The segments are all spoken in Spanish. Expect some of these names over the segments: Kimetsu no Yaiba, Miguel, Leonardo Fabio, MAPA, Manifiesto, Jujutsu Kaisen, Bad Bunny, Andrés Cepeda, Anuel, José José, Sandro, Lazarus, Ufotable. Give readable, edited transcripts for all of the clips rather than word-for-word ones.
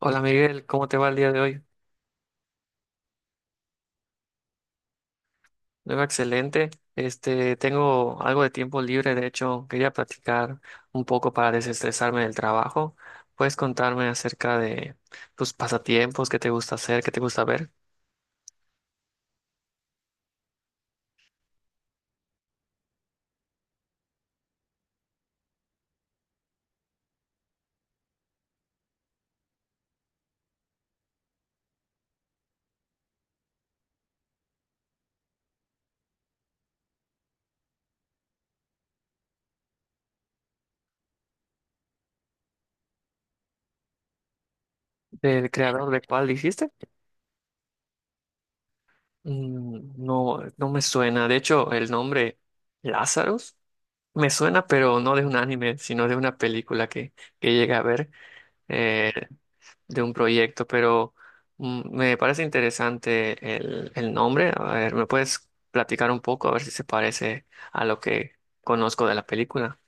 Hola Miguel, ¿cómo te va el día de hoy? Yo excelente. Tengo algo de tiempo libre, de hecho, quería platicar un poco para desestresarme del trabajo. ¿Puedes contarme acerca de tus pasatiempos, qué te gusta hacer, qué te gusta ver? ¿Del creador de cuál dijiste? Mm, no, no me suena. De hecho, el nombre Lazarus me suena, pero no de un anime, sino de una película que llegué a ver. Eh, de un proyecto, pero me parece interesante el nombre. A ver, ¿me puedes platicar un poco? A ver si se parece a lo que conozco de la película.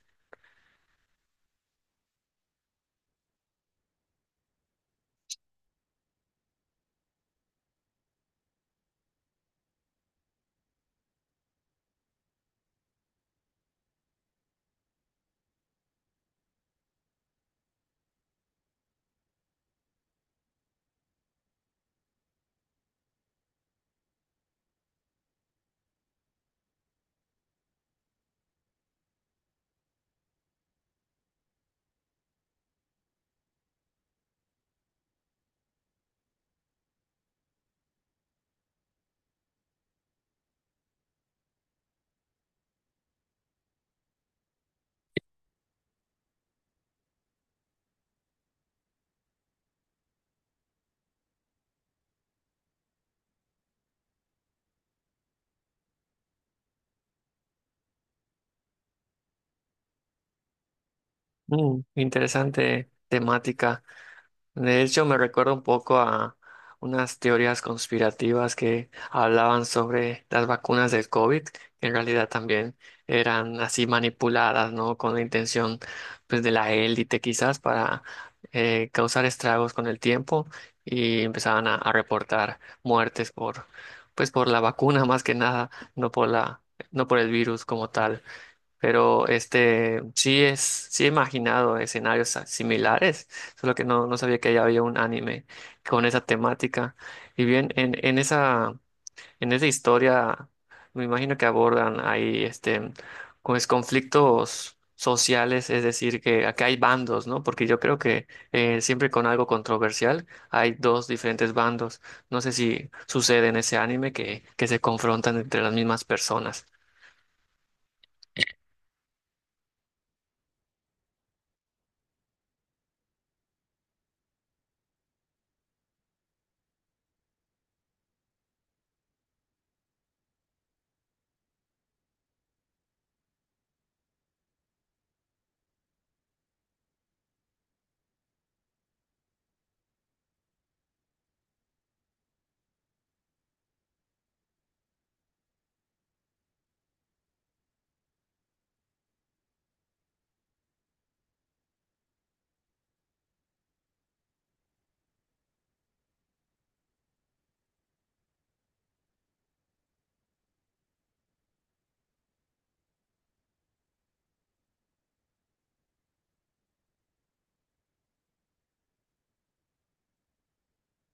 Mm, interesante temática. De hecho, me recuerda un poco a unas teorías conspirativas que hablaban sobre las vacunas del COVID, que en realidad también eran así manipuladas, ¿no? Con la intención, pues, de la élite quizás para causar estragos con el tiempo y empezaban a reportar muertes por, pues, por la vacuna más que nada, no por no por el virus como tal. Pero este sí es, sí he imaginado escenarios similares, solo que no, no sabía que ya había un anime con esa temática. Y bien, en esa historia, me imagino que abordan ahí pues conflictos sociales, es decir, que acá hay bandos, ¿no? Porque yo creo que siempre con algo controversial hay dos diferentes bandos. No sé si sucede en ese anime que se confrontan entre las mismas personas.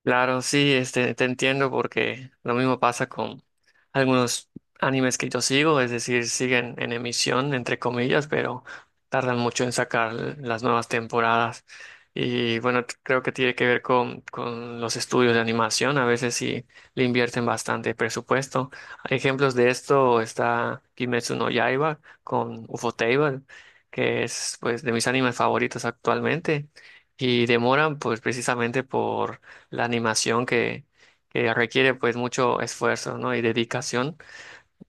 Claro, sí, te entiendo porque lo mismo pasa con algunos animes que yo sigo, es decir, siguen en emisión, entre comillas, pero tardan mucho en sacar las nuevas temporadas. Y bueno, creo que tiene que ver con los estudios de animación, a veces sí le invierten bastante presupuesto. Ejemplos de esto está Kimetsu no Yaiba con Ufotable, que es pues de mis animes favoritos actualmente, y demoran pues precisamente por la animación que requiere pues mucho esfuerzo, ¿no? Y dedicación.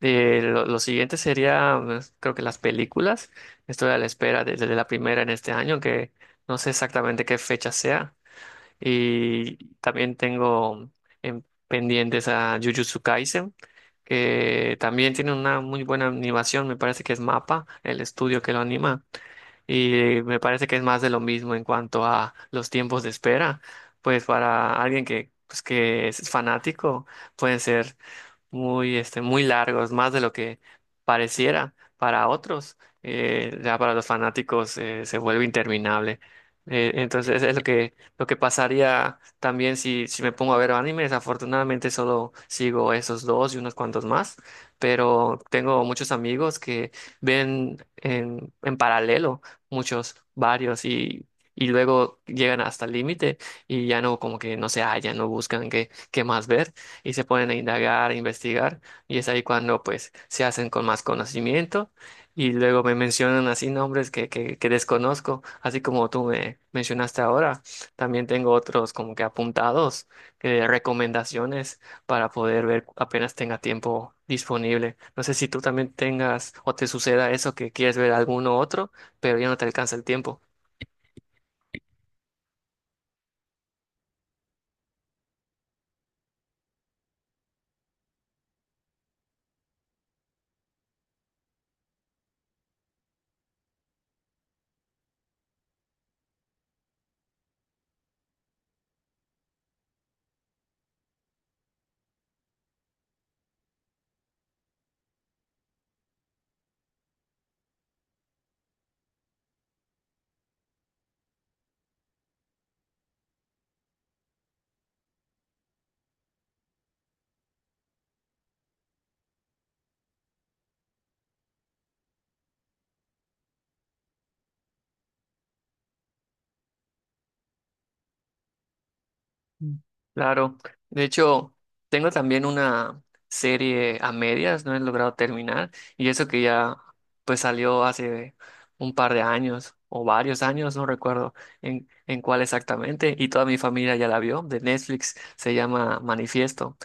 Lo siguiente sería, pues, creo que las películas. Estoy a la espera desde la primera en este año, que no sé exactamente qué fecha sea. Y también tengo en pendientes a Jujutsu Kaisen, que también tiene una muy buena animación, me parece que es MAPA, el estudio que lo anima y me parece que es más de lo mismo en cuanto a los tiempos de espera. Pues para alguien que, pues que es fanático, pueden ser muy, muy largos, más de lo que pareciera para otros. Ya para los fanáticos se vuelve interminable. Entonces es lo que pasaría también si, si me pongo a ver anime. Desafortunadamente solo sigo esos dos y unos cuantos más, pero tengo muchos amigos que ven en paralelo muchos, varios y... Y luego llegan hasta el límite y ya no, como que no se hallan, no buscan qué más ver y se ponen a indagar, a investigar, y es ahí cuando pues se hacen con más conocimiento y luego me mencionan así nombres que desconozco, así como tú me mencionaste ahora, también tengo otros como que apuntados, recomendaciones para poder ver apenas tenga tiempo disponible. No sé si tú también tengas o te suceda eso que quieres ver alguno otro, pero ya no te alcanza el tiempo. Mm. Claro, de hecho, tengo también una serie a medias, no he logrado terminar, y eso que ya pues salió hace un par de años o varios años, no recuerdo en cuál exactamente, y toda mi familia ya la vio, de Netflix, se llama Manifiesto.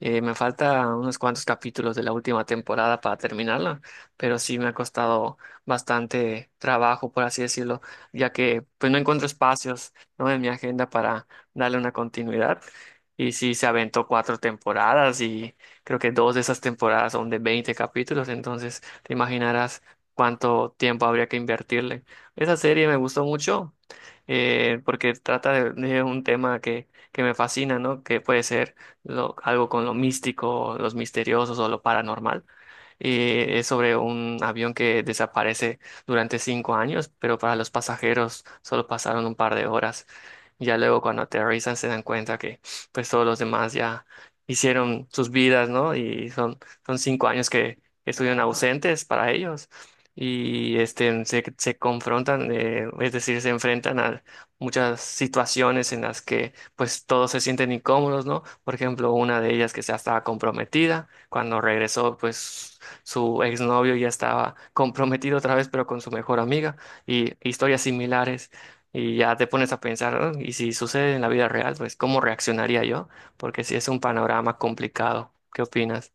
Me falta unos cuantos capítulos de la última temporada para terminarla, pero sí me ha costado bastante trabajo, por así decirlo, ya que pues no encuentro espacios, ¿no? En mi agenda para darle una continuidad. Y sí, se aventó cuatro temporadas y creo que dos de esas temporadas son de 20 capítulos, entonces te imaginarás cuánto tiempo habría que invertirle. Esa serie me gustó mucho porque trata de un tema que me fascina, ¿no? Que puede ser algo con lo místico, los misteriosos o lo paranormal. Es sobre un avión que desaparece durante cinco años, pero para los pasajeros solo pasaron un par de horas. Ya luego cuando aterrizan se dan cuenta que pues todos los demás ya hicieron sus vidas, ¿no? Son cinco años que estuvieron ausentes para ellos. Y se confrontan, es decir, se enfrentan a muchas situaciones en las que pues todos se sienten incómodos, ¿no? Por ejemplo, una de ellas que ya estaba comprometida, cuando regresó pues su exnovio ya estaba comprometido otra vez, pero con su mejor amiga, y historias similares. Y ya te pones a pensar, "Ah, ¿y si sucede en la vida real, pues cómo reaccionaría yo? Porque sí es un panorama complicado. ¿Qué opinas?"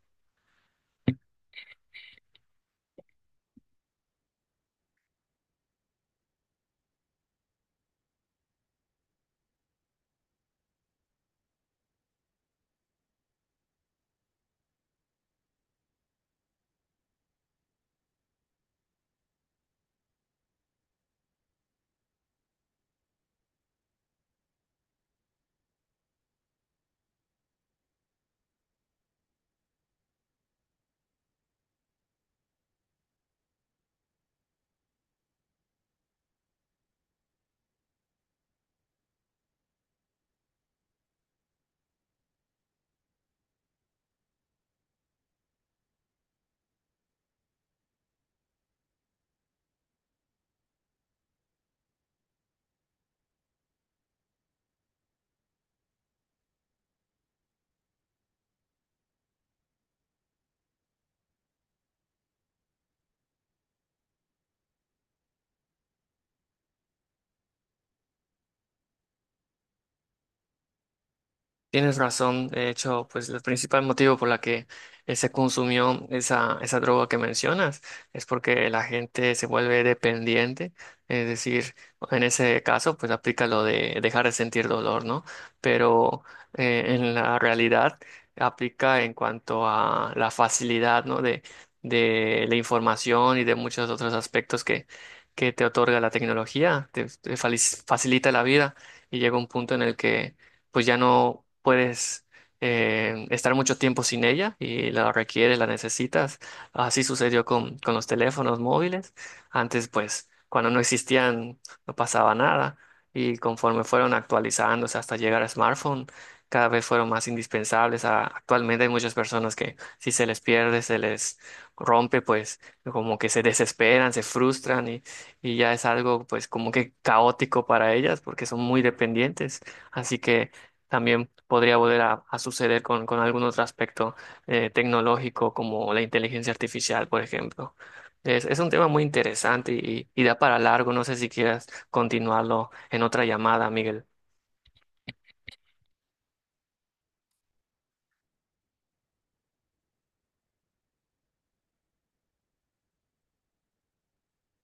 Tienes razón, de hecho, pues el principal motivo por la que se consumió esa droga que mencionas es porque la gente se vuelve dependiente, es decir, en ese caso, pues aplica lo de dejar de sentir dolor, ¿no? Pero en la realidad aplica en cuanto a la facilidad, ¿no? De la información y de muchos otros aspectos que te otorga la tecnología, te facilita la vida y llega un punto en el que pues ya no puedes estar mucho tiempo sin ella y la requieres, la necesitas. Así sucedió con los teléfonos móviles. Antes, pues, cuando no existían, no pasaba nada. Y conforme fueron actualizándose hasta llegar a smartphone, cada vez fueron más indispensables. Actualmente hay muchas personas que si se les pierde, se les rompe, pues como que se desesperan, se frustran y ya es algo pues como que caótico para ellas porque son muy dependientes. Así que también podría volver a suceder con algún otro aspecto tecnológico como la inteligencia artificial, por ejemplo. Es un tema muy interesante y da para largo. No sé si quieras continuarlo en otra llamada, Miguel.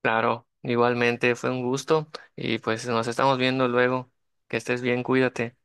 Claro, igualmente fue un gusto y pues nos estamos viendo luego. Que estés bien, cuídate.